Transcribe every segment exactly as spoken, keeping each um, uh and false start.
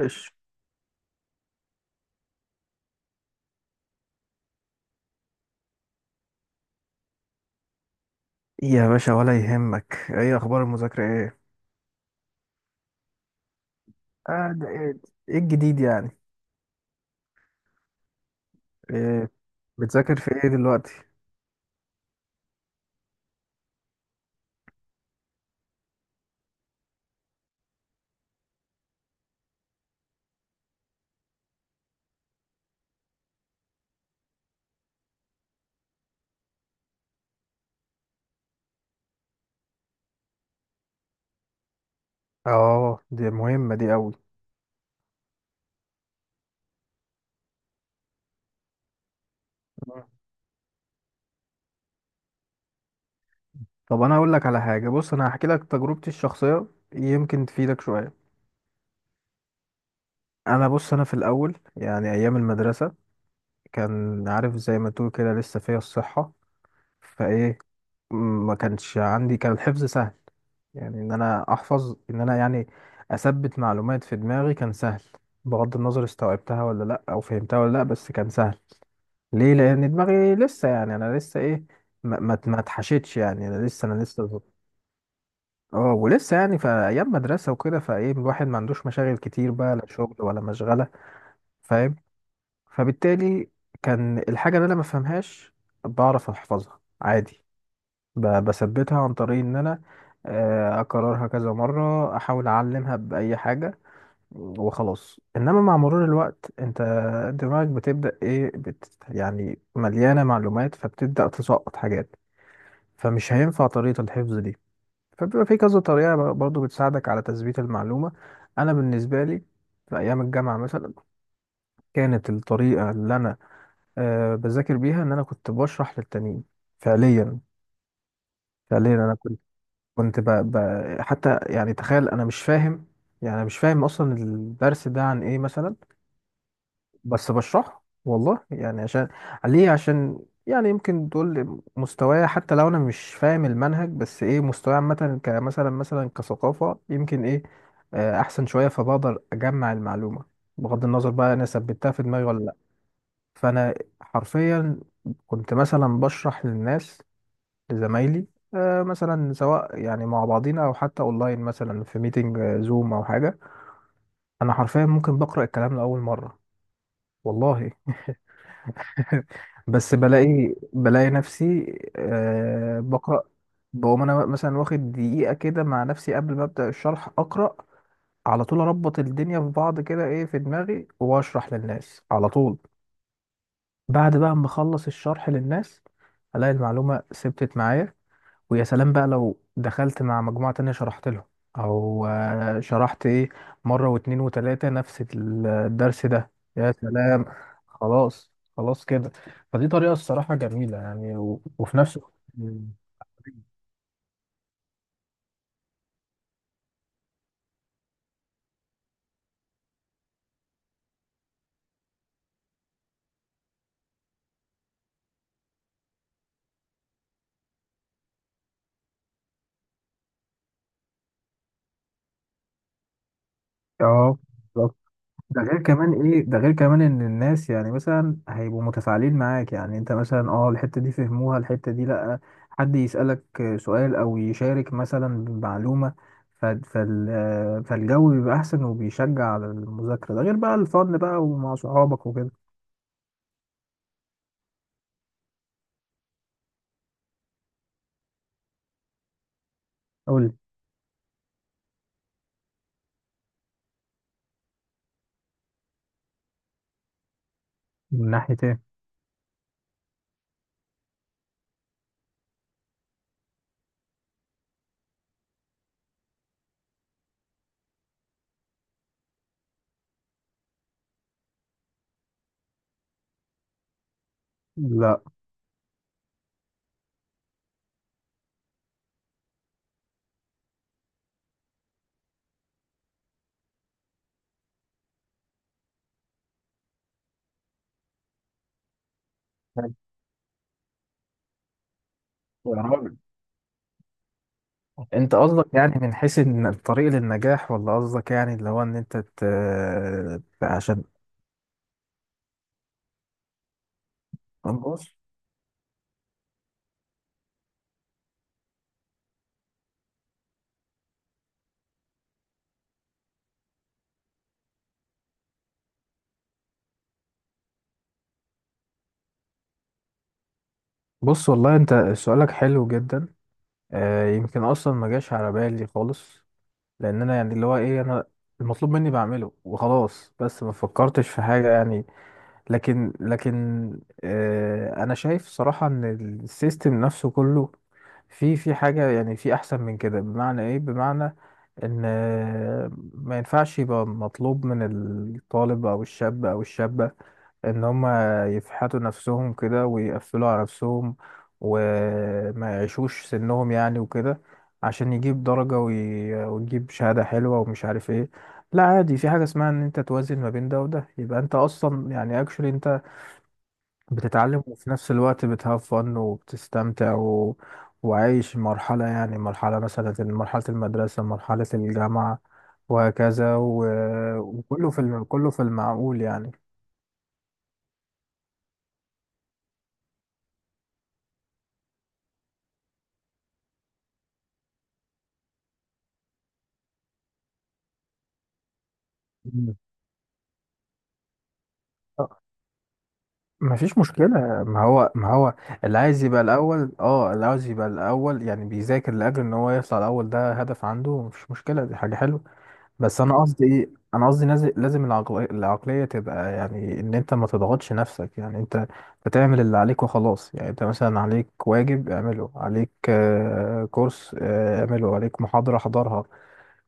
ايش؟ يا باشا ولا يهمك، ايه اخبار المذاكرة؟ ايه اه ده؟ ايه إيه الجديد يعني؟ إيه بتذاكر في ايه دلوقتي؟ اه دي مهمة دي قوي. مم. طب انا اقول لك على حاجة، بص انا هحكي لك تجربتي الشخصية، يمكن تفيدك شوية. انا بص، انا في الاول يعني ايام المدرسة كان عارف زي ما تقول كده لسه فيا الصحة، فايه ما كانش عندي، كان الحفظ سهل، يعني ان انا احفظ، ان انا يعني اثبت معلومات في دماغي كان سهل، بغض النظر استوعبتها ولا لا او فهمتها ولا لا، بس كان سهل. ليه؟ لان دماغي لسه، يعني انا لسه ايه، ما ما ما اتحشتش، يعني انا لسه انا لسه. اه ولسه يعني في ايام مدرسه وكده، فايه الواحد ما عندوش مشاغل كتير، بقى لا شغل ولا مشغله، فاهم؟ فبالتالي كان الحاجه اللي انا ما فهمهاش بعرف احفظها عادي، ب- بثبتها عن طريق ان انا آه، اكررها كذا مرة، احاول اعلمها باي حاجة وخلاص. انما مع مرور الوقت انت دماغك بتبدأ ايه، بت يعني مليانة معلومات، فبتبدأ تسقط حاجات، فمش هينفع طريقة الحفظ دي. فبيبقى في كذا طريقة ب- برضو بتساعدك على تثبيت المعلومة. انا بالنسبة لي في ايام الجامعة مثلا كانت الطريقة اللي انا أه بذاكر بيها ان انا كنت بشرح للتانيين. فعليا، فعليا انا كنت ب... ب... حتى يعني تخيل انا مش فاهم، يعني أنا مش فاهم اصلا الدرس ده عن ايه مثلا، بس بشرحه، والله يعني. عشان ليه؟ عشان يعني يمكن تقول مستواي، حتى لو انا مش فاهم المنهج، بس ايه مستواي عامه كمثلا مثلا كثقافه يمكن ايه آه، احسن شويه، فبقدر اجمع المعلومه، بغض النظر بقى انا ثبتها في دماغي ولا لا. فانا حرفيا كنت مثلا بشرح للناس، لزمايلي، آه، مثلا سواء يعني مع بعضينا او حتى اونلاين مثلا في ميتنج زوم او حاجه. انا حرفيا ممكن بقرا الكلام لاول مره، والله، بس بلاقي بلاقي نفسي آه، بقرا، بقوم انا مثلا واخد دقيقه كده مع نفسي قبل ما ابدا الشرح اقرا، على طول اربط الدنيا في بعض كده ايه في دماغي واشرح للناس على طول. بعد بقى ما اخلص الشرح للناس الاقي المعلومه ثبتت معايا. ويا سلام بقى لو دخلت مع مجموعة تانية شرحت لهم أو آه، شرحت إيه، مرة واتنين وتلاتة نفس ال- الدرس ده. يا سلام، خلاص، خلاص كده. فدي طريقة الصراحة جميلة يعني و- وفي نفس الوقت اه بالظبط. ده غير كمان ايه، ده غير كمان ان الناس يعني مثلا هيبقوا متفاعلين معاك، يعني انت مثلا اه الحتة دي فهموها الحتة دي لأ، حد يسألك سؤال او يشارك مثلا بمعلومة، ف- فال فالجو بيبقى احسن وبيشجع على المذاكرة، ده غير بقى الفن بقى ومع صحابك وكده. قول، من ناحية ايه؟ لا يا راجل، انت قصدك يعني من حيث ان الطريق للنجاح، ولا قصدك يعني اللي هو ان انت ت... عشان بص، بص والله انت سؤالك حلو جدا، آه يمكن اصلا ما جاش على بالي خالص، لان انا يعني اللي هو ايه، انا المطلوب مني بعمله وخلاص، بس ما فكرتش في حاجة يعني. لكن لكن آه انا شايف صراحة ان السيستم نفسه كله في في حاجة، يعني في احسن من كده. بمعنى ايه؟ بمعنى ان آه، ما ينفعش يبقى مطلوب من الطالب او الشاب او الشابة ان هم يفحتوا نفسهم كده ويقفلوا على نفسهم وما يعيشوش سنهم يعني وكده، عشان يجيب درجة وي... ويجيب شهادة حلوة ومش عارف ايه. لا عادي، في حاجة اسمها ان انت توازن ما بين ده وده، يبقى انت اصلا يعني اكشولي انت بتتعلم وفي نفس الوقت بتهاف فن وبتستمتع و... وعايش مرحلة، يعني مرحلة مثلا مرحلة المدرسة مرحلة الجامعة وهكذا و... وكله في الم... كله في المعقول يعني. مم. مفيش مشكلة، ما هو ما هو اللي عايز يبقى الأول، اه اللي عاوز يبقى الأول يعني بيذاكر لأجل إن هو يطلع الأول، ده هدف عنده، مفيش مشكلة، دي حاجة حلوة. بس أنا قصدي إيه، أنا قصدي نازل- لازم العقل... العقلية تبقى يعني إن أنت ما تضغطش نفسك، يعني أنت بتعمل اللي عليك وخلاص. يعني أنت مثلا عليك واجب اعمله، عليك آه، كورس آه، اعمله، عليك محاضرة حضرها،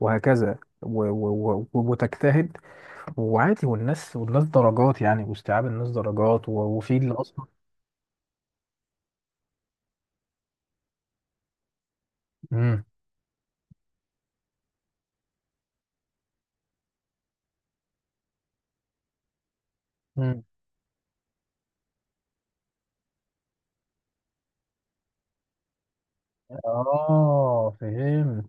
وهكذا و... و... و... وتجتهد، وعادي. والناس والناس درجات يعني، واستيعاب الناس درجات و- وفي اللي اصلا امم، امم اه فهمت.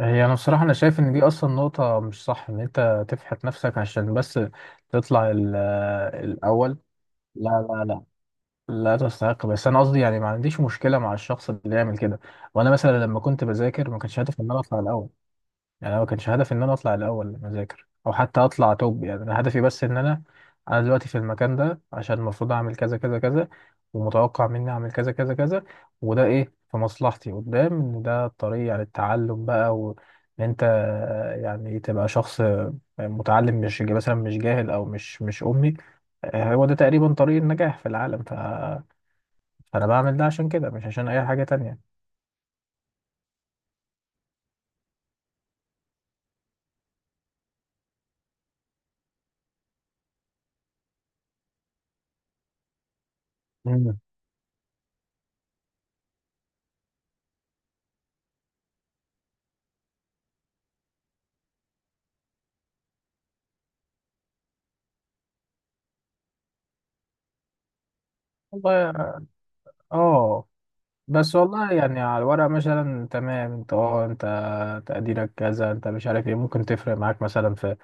هي انا بصراحه انا شايف ان دي اصلا نقطه مش صح، ان انت تفحت نفسك عشان بس تطلع ال- آه، الاول. لا لا لا، لا تستحق، بس انا قصدي يعني ما عنديش مشكله مع الشخص اللي يعمل كده. وانا مثلا لما كنت بذاكر ما كانش هدفي ان انا اطلع الاول، يعني انا ما كانش هدفي ان انا اطلع الاول مذاكر او حتى اطلع توب. يعني انا هدفي بس ان انا، انا دلوقتي في المكان ده عشان المفروض اعمل كذا كذا كذا، ومتوقع مني اعمل كذا كذا كذا، وده ايه في مصلحتي قدام، ان ده الطريق يعني التعلم بقى، وان انت آه، يعني تبقى شخص آه، متعلم، مش مثلا مش جاهل او مش مش امي. آه، هو ده تقريبا طريق النجاح في العالم، ف- فانا بعمل ده عشان كده، مش عشان اي حاجة تانية. مم. والله اه آه. بس والله يعني على الورق مثلا تمام، انت اه انت تقديرك كذا، انت مش عارف ايه، ممكن تفرق معاك مثلا في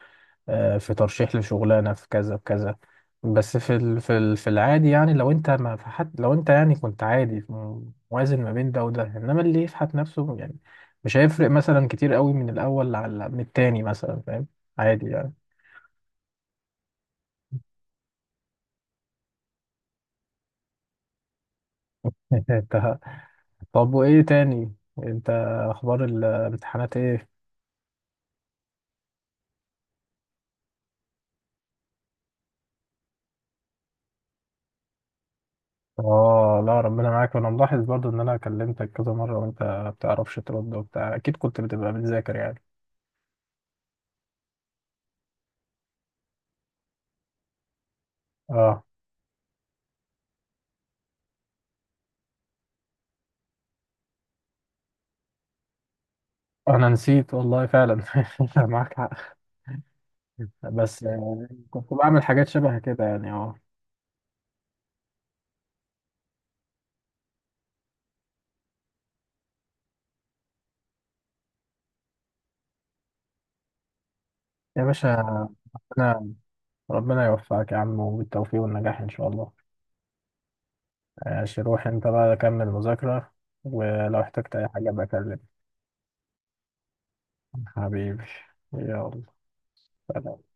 آه، في ترشيح لشغلانه، في كذا في كذا، بس في ال في ال في العادي يعني، لو انت ما في حد، لو انت يعني كنت عادي م- موازن ما بين ده وده، انما اللي يفحت نفسه يعني مش هيفرق مثلا كتير قوي من الاول على من التاني مثلا، فاهم؟ عادي يعني. انت، طب وايه تاني، انت اخبار الامتحانات ايه؟ اه لا ربنا معاك، وانا ملاحظ برضو ان انا كلمتك كذا مره وانت ما بتعرفش ترد وبتاع، اكيد كنت بتبقى بتذاكر يعني. اه انا نسيت والله فعلا. معاك حق، بس آه، كنت بعمل حاجات شبه كده يعني اه. يا باشا، ربنا، ربنا يوفقك يا عم، وبالتوفيق والنجاح ان شاء الله. ماشي، روح انت بقى كمل مذاكره، ولو احتجت اي حاجه بكلمك. حبيبي، يلا، سلام.